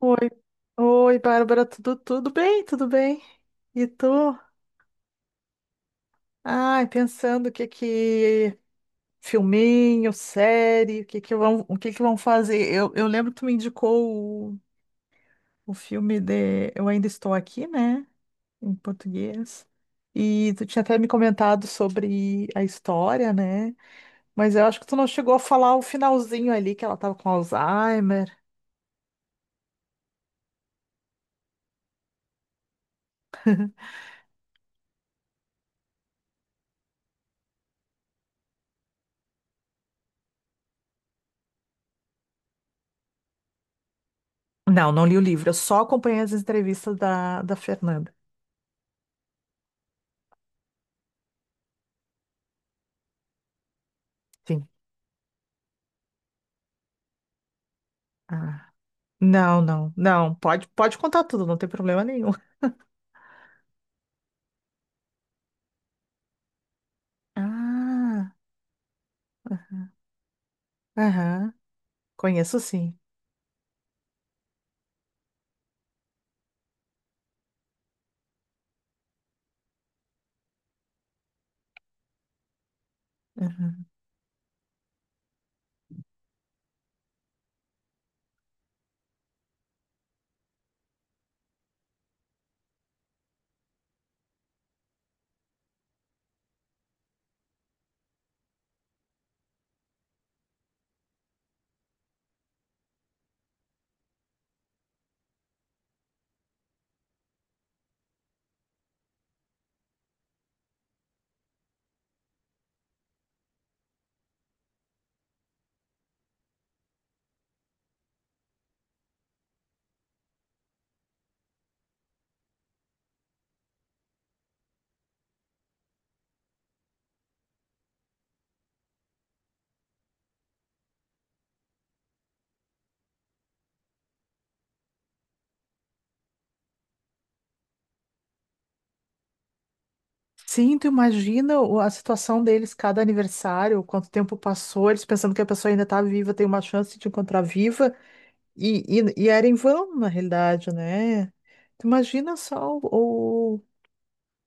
Oi, Bárbara, tudo bem? Tudo bem? E tu? Ai, pensando o que que filminho, série, o que que o que que vão fazer? Eu lembro que tu me indicou o filme de Eu Ainda Estou Aqui, né? Em português. E tu tinha até me comentado sobre a história, né? Mas eu acho que tu não chegou a falar o finalzinho ali que ela tava com Alzheimer. Não, não li o livro, eu só acompanhei as entrevistas da Fernanda. Sim. Ah. Não, não, não. Pode, pode contar tudo, não tem problema nenhum. Ah, aham, conheço sim. Aham. Sim, tu imagina a situação deles, cada aniversário, quanto tempo passou, eles pensando que a pessoa ainda tá viva, tem uma chance de te encontrar viva, e era em vão, na realidade, né? Tu imagina só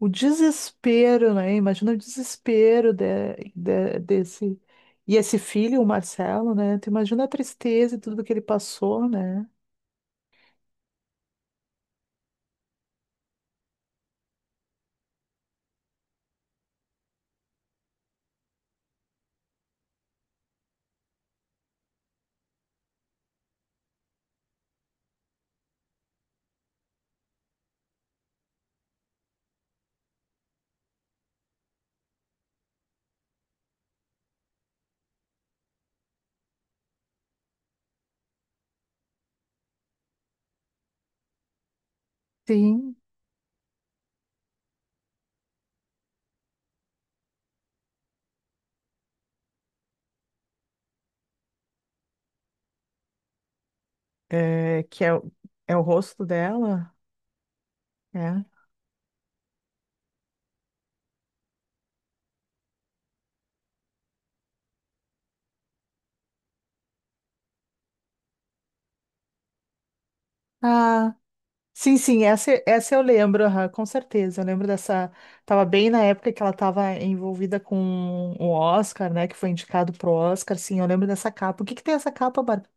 o desespero, né? Imagina o desespero de, desse. E esse filho, o Marcelo, né? Tu imagina a tristeza e tudo que ele passou, né? Sim, é, que é, é o rosto dela. É. Ah, sim, sim, essa eu lembro, aham, com certeza. Eu lembro dessa. Tava bem na época que ela tava envolvida com o Oscar, né? Que foi indicado pro Oscar. Sim, eu lembro dessa capa. O que que tem essa capa, Bárbara?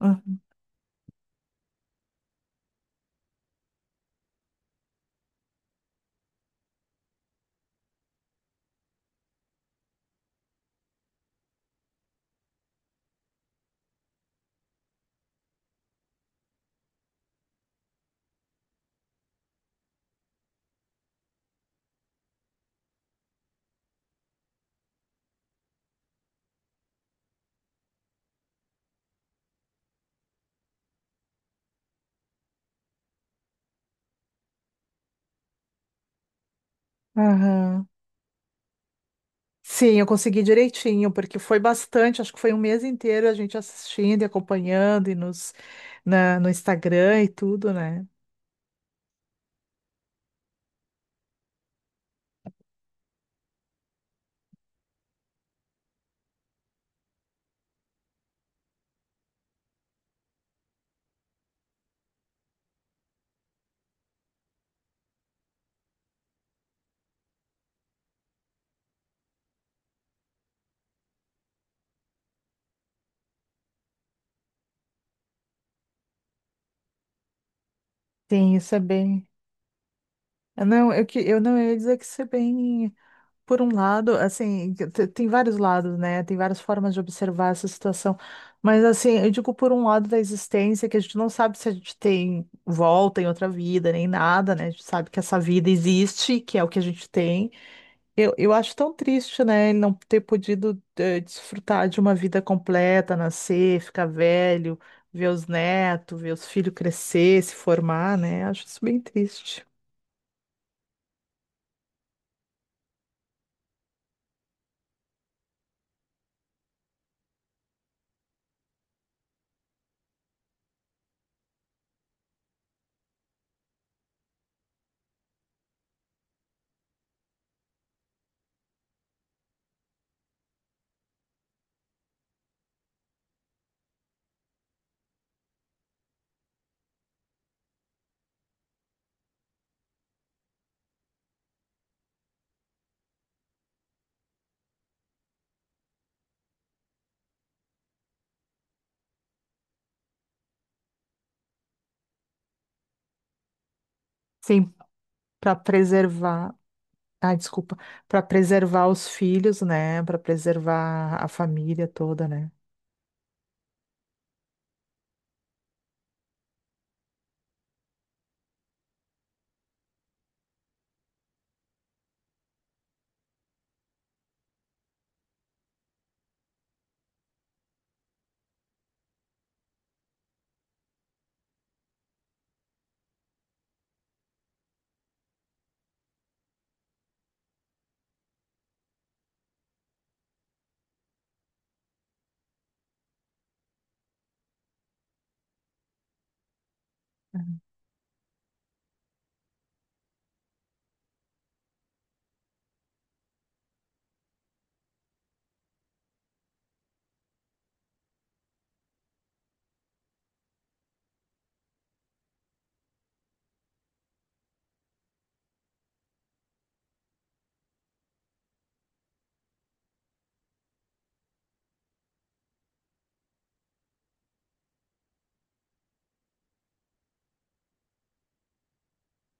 Ah, aham. Sim, eu consegui direitinho, porque foi bastante, acho que foi um mês inteiro a gente assistindo e acompanhando e no Instagram e tudo, né? Sim, isso é bem. Eu não, eu não ia dizer que isso é bem. Por um lado, assim, tem vários lados, né? Tem várias formas de observar essa situação. Mas, assim, eu digo por um lado da existência, que a gente não sabe se a gente tem volta em outra vida, nem nada, né? A gente sabe que essa vida existe, que é o que a gente tem. Eu acho tão triste, né? Ele não ter podido, desfrutar de uma vida completa, nascer, ficar velho, ver os netos, ver os filhos crescer, se formar, né? Acho isso bem triste. Sim, para preservar. Ah, desculpa, para preservar os filhos, né? Para preservar a família toda, né?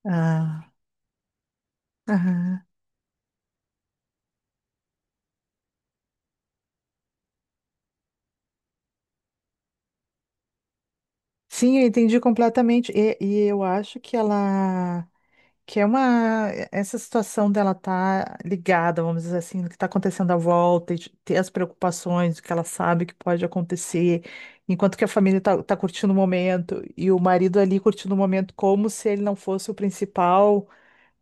Ah, aham. Sim, eu entendi completamente. E eu acho que ela, que é uma, essa situação dela tá ligada, vamos dizer assim, no que está acontecendo à volta, e de ter as preocupações, o que ela sabe que pode acontecer, enquanto que a família tá curtindo o momento e o marido ali curtindo o momento como se ele não fosse o principal.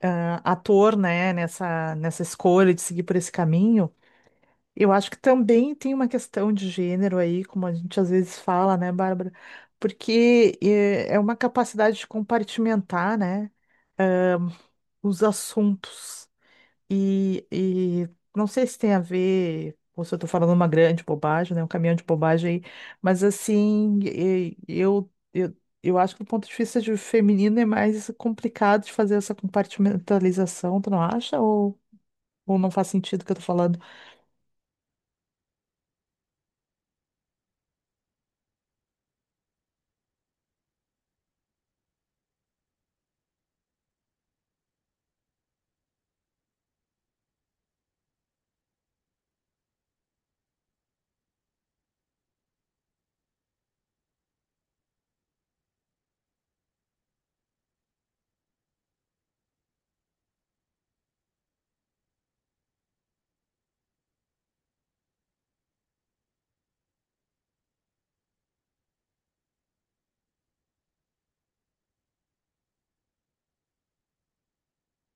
Ator, né, nessa escolha de seguir por esse caminho, eu acho que também tem uma questão de gênero aí, como a gente às vezes fala, né, Bárbara? Porque é uma capacidade de compartimentar, né, os assuntos. E não sei se tem a ver, ou se eu tô falando uma grande bobagem, né, um caminhão de bobagem aí, mas assim, eu acho que do ponto de vista de feminino é mais complicado de fazer essa compartimentalização, tu não acha? Ou não faz sentido o que eu tô falando.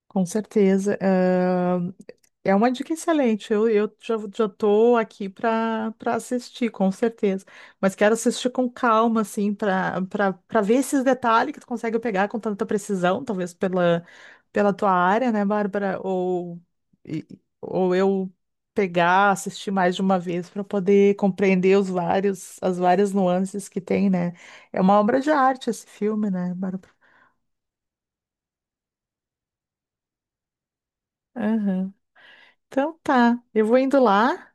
Com certeza. É uma dica excelente. Já tô aqui para assistir, com certeza. Mas quero assistir com calma, assim, para ver esses detalhes que tu consegue pegar com tanta precisão, talvez pela tua área, né, Bárbara? Ou, e- ou eu pegar, assistir mais de uma vez para poder compreender os vários, as várias nuances que tem, né? É uma obra de arte esse filme, né, Bárbara? Aham. Então tá, eu vou indo lá.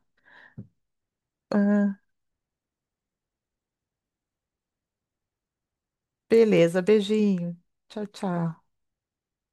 Ah, beleza, beijinho. Tchau, tchau.